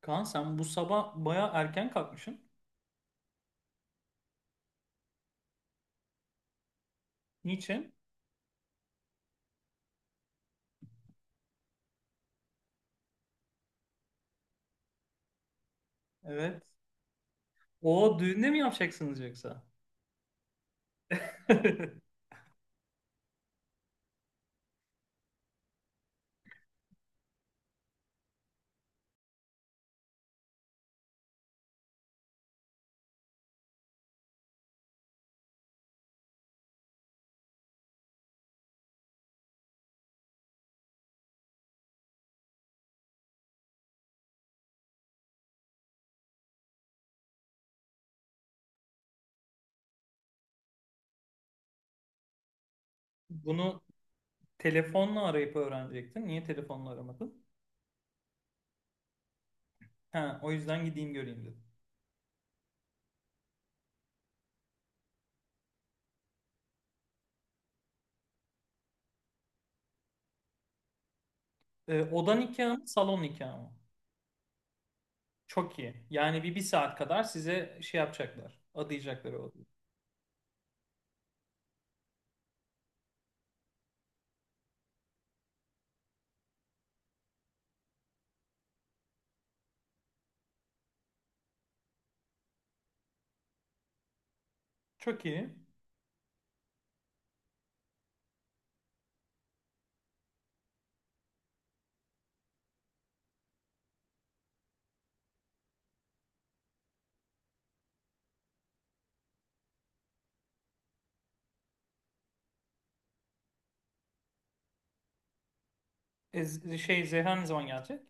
Kaan sen bu sabah baya erken kalkmışsın. Niçin? Evet. O düğünde mi yapacaksınız yoksa? Bunu telefonla arayıp öğrenecektin. Niye telefonla aramadın? Ha, o yüzden gideyim göreyim dedim. Oda nikahı mı, salon nikahı mı? Çok iyi. Yani bir saat kadar size şey yapacaklar. Adayacaklar o odayı. Çok iyi. Zehra ne zaman gelecek?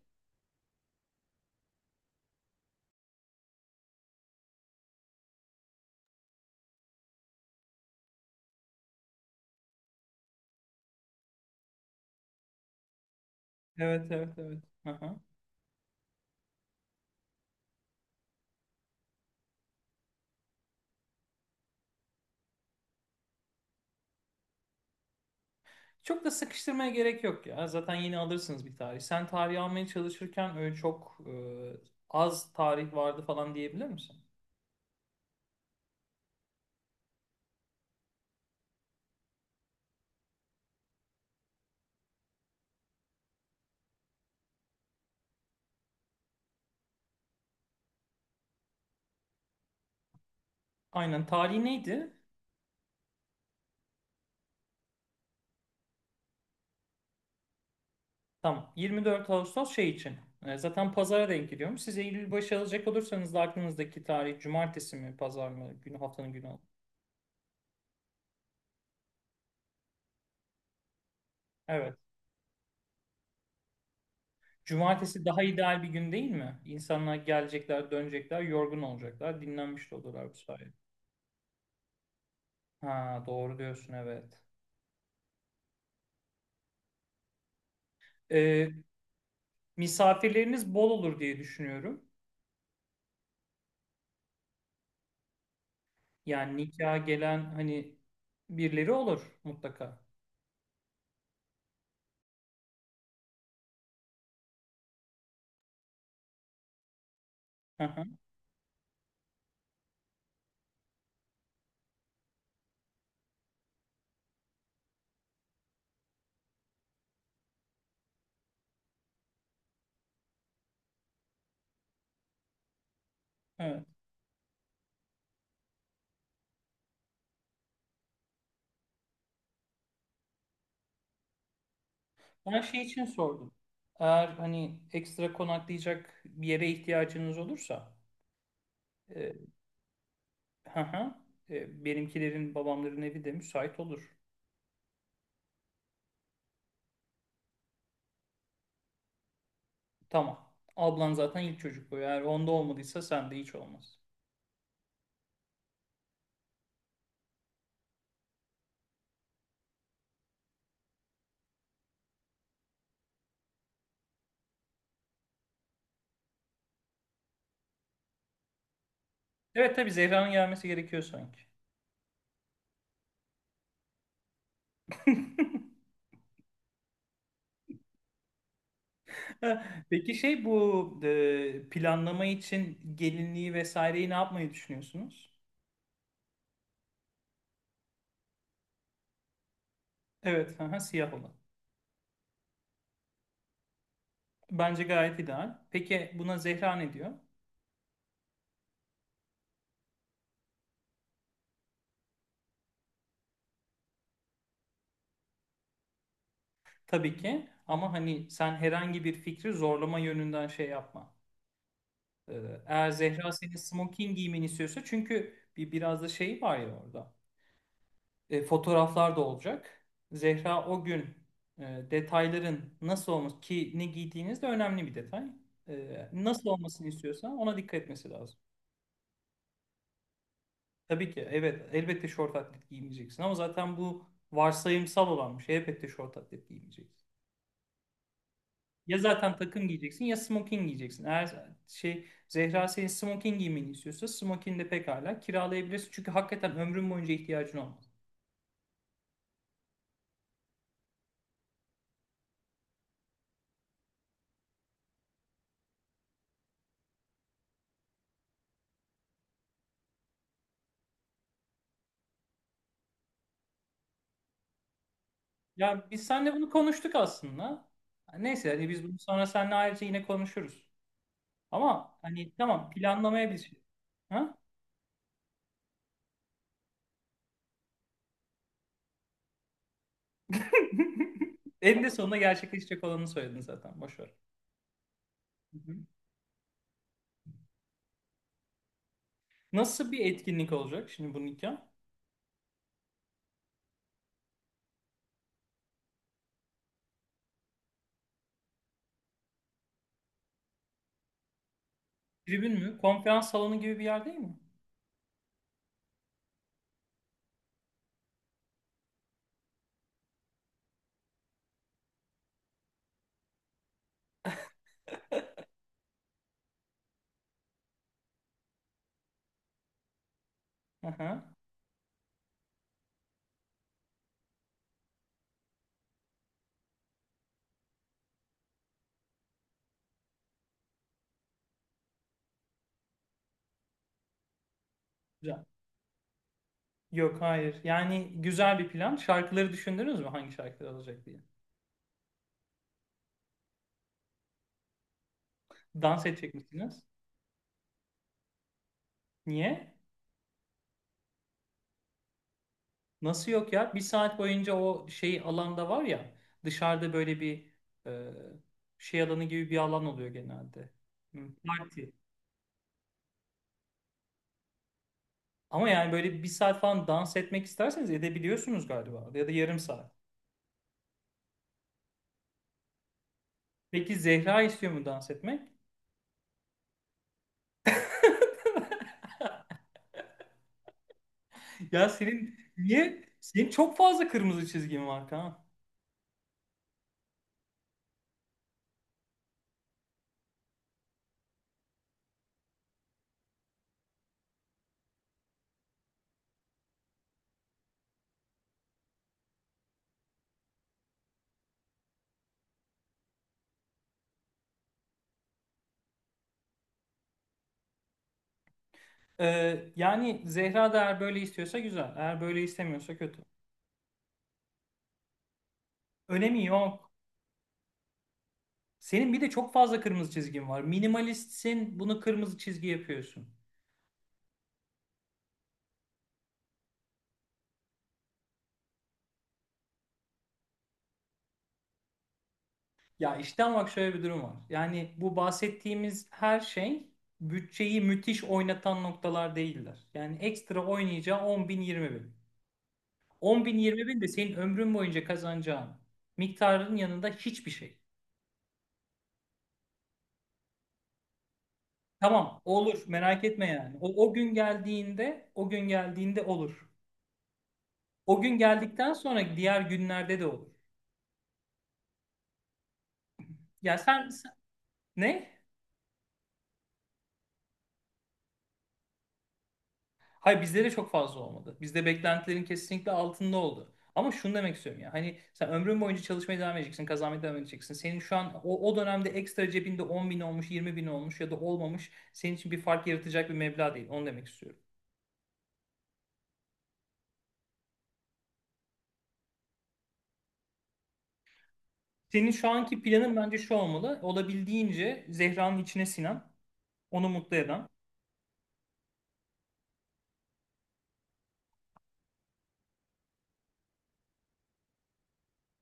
Evet, evet, evet. Aha. Çok da sıkıştırmaya gerek yok ya. Zaten yeni alırsınız bir tarih. Sen tarih almaya çalışırken öyle çok az tarih vardı falan diyebilir misin? Aynen. Tarih neydi? Tamam. 24 Ağustos şey için. E, zaten pazara denk giriyorum. Siz Eylül başı alacak olursanız da aklınızdaki tarih cumartesi mi, pazar mı? Günü, haftanın günü alın. Evet. Cumartesi daha ideal bir gün değil mi? İnsanlar gelecekler, dönecekler, yorgun olacaklar, dinlenmiş de olurlar bu sayede. Ha, doğru diyorsun, evet. E, Misafirleriniz bol olur diye düşünüyorum. Yani nikaha gelen hani birileri olur mutlaka. Hı hı, evet. Ben şey için sordum. Eğer hani ekstra konaklayacak bir yere ihtiyacınız olursa e, hı hı, benimkilerin, babamların evi de müsait olur. Tamam. Ablan zaten ilk çocuk bu. Eğer onda olmadıysa sende hiç olmaz. Evet, tabii Zehra'nın gelmesi gerekiyor sanki. Ha, peki şey bu planlama için gelinliği vesaireyi ne yapmayı düşünüyorsunuz? Evet, aha, siyah olan. Bence gayet ideal. Peki buna Zehra ne diyor? Tabii ki, ama hani sen herhangi bir fikri zorlama yönünden şey yapma. Ee, Eğer Zehra senin smoking giymeni istiyorsa, çünkü bir biraz da şey var ya orada. Fotoğraflar da olacak. Zehra o gün e, detayların nasıl olması ki ne giydiğiniz de önemli bir detay. E, nasıl olmasını istiyorsa ona dikkat etmesi lazım. Tabii ki, evet, elbette şort atlet giymeyeceksin, ama zaten bu varsayımsal olan bir şey. Elbette şort atlet giymeyeceksin. Ya zaten takım giyeceksin ya smoking giyeceksin. Eğer şey Zehra senin smoking giymeni istiyorsa, smoking de pekala kiralayabilirsin. Çünkü hakikaten ömrün boyunca ihtiyacın olmaz. Ya biz seninle bunu konuştuk aslında. Neyse, hani biz bunu sonra seninle ayrıca yine konuşuruz. Ama hani tamam, planlamaya bir şey. Ha? Eninde sonunda gerçekleşecek olanı söyledin zaten. Boş ver. Hı hı. Nasıl bir etkinlik olacak şimdi bu nikah? Tribün mü? Konferans salonu gibi bir yer değil mi? Hı. Güzel. Yok, hayır. Yani güzel bir plan. Şarkıları düşündünüz mü? Hangi şarkılar olacak diye. Dans edecek misiniz? Niye? Nasıl yok ya? Bir saat boyunca o şey alanda var ya, dışarıda böyle bir e, şey alanı gibi bir alan oluyor genelde. Hı, parti. Ama yani böyle bir saat falan dans etmek isterseniz edebiliyorsunuz galiba. Ya da yarım saat. Peki Zehra istiyor mu dans etmek? Ya senin niye? Senin çok fazla kırmızı çizgin var, Kaan. Yani Zehra da eğer böyle istiyorsa güzel. Eğer böyle istemiyorsa kötü. Önemi yok. Senin bir de çok fazla kırmızı çizgin var. Minimalistsin, bunu kırmızı çizgi yapıyorsun. Ya işte ama bak, şöyle bir durum var. Yani bu bahsettiğimiz her şey bütçeyi müthiş oynatan noktalar değiller. Yani ekstra oynayacağı 10 bin 20 bin. 10 bin 20 bin de senin ömrün boyunca kazanacağın miktarın yanında hiçbir şey. Tamam olur, merak etme yani. O gün geldiğinde olur. O gün geldikten sonra diğer günlerde de olur. Ya sen sen- Ne? Hayır, bizde de çok fazla olmadı. Bizde beklentilerin kesinlikle altında oldu. Ama şunu demek istiyorum ya. Hani sen ömrün boyunca çalışmaya devam edeceksin, kazanmaya devam edeceksin. Senin şu an o dönemde ekstra cebinde 10 bin olmuş, 20 bin olmuş ya da olmamış senin için bir fark yaratacak bir meblağ değil. Onu demek istiyorum. Senin şu anki planın bence şu olmalı. Olabildiğince Zehra'nın içine sinen, onu mutlu eden.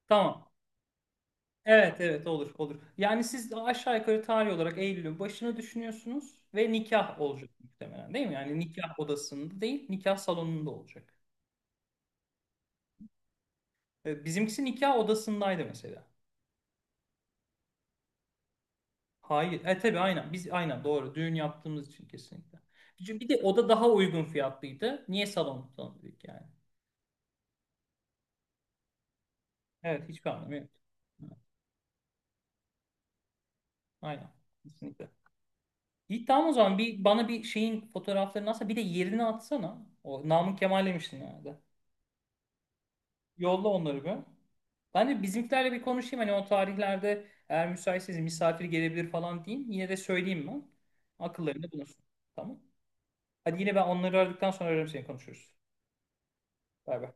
Tamam. Evet evet, olur olur. Yani siz aşağı yukarı tarih olarak Eylül'ün başını düşünüyorsunuz ve nikah olacak muhtemelen, değil mi? Yani nikah odasında değil, nikah salonunda olacak. E, bizimkisi nikah odasındaydı mesela. Hayır. E tabii, aynen. Biz aynen doğru. Düğün yaptığımız için kesinlikle. Bir de oda daha uygun fiyatlıydı. Niye salon tutalım dedik yani. Evet, hiçbir anlamı yok. Evet, aynen. Kesinlikle. İyi, tamam, o zaman bir bana bir şeyin fotoğraflarını atsana. Bir de yerini atsana. O Namık Kemal demiştin yani. Yolla onları bir. Ben de bizimkilerle bir konuşayım. Hani o tarihlerde eğer müsaitseniz misafir gelebilir falan diyeyim. Yine de söyleyeyim ben. Akıllarında bulunsun. Tamam. Hadi, yine ben onları aradıktan sonra ararım, seni konuşuruz. Bay bay.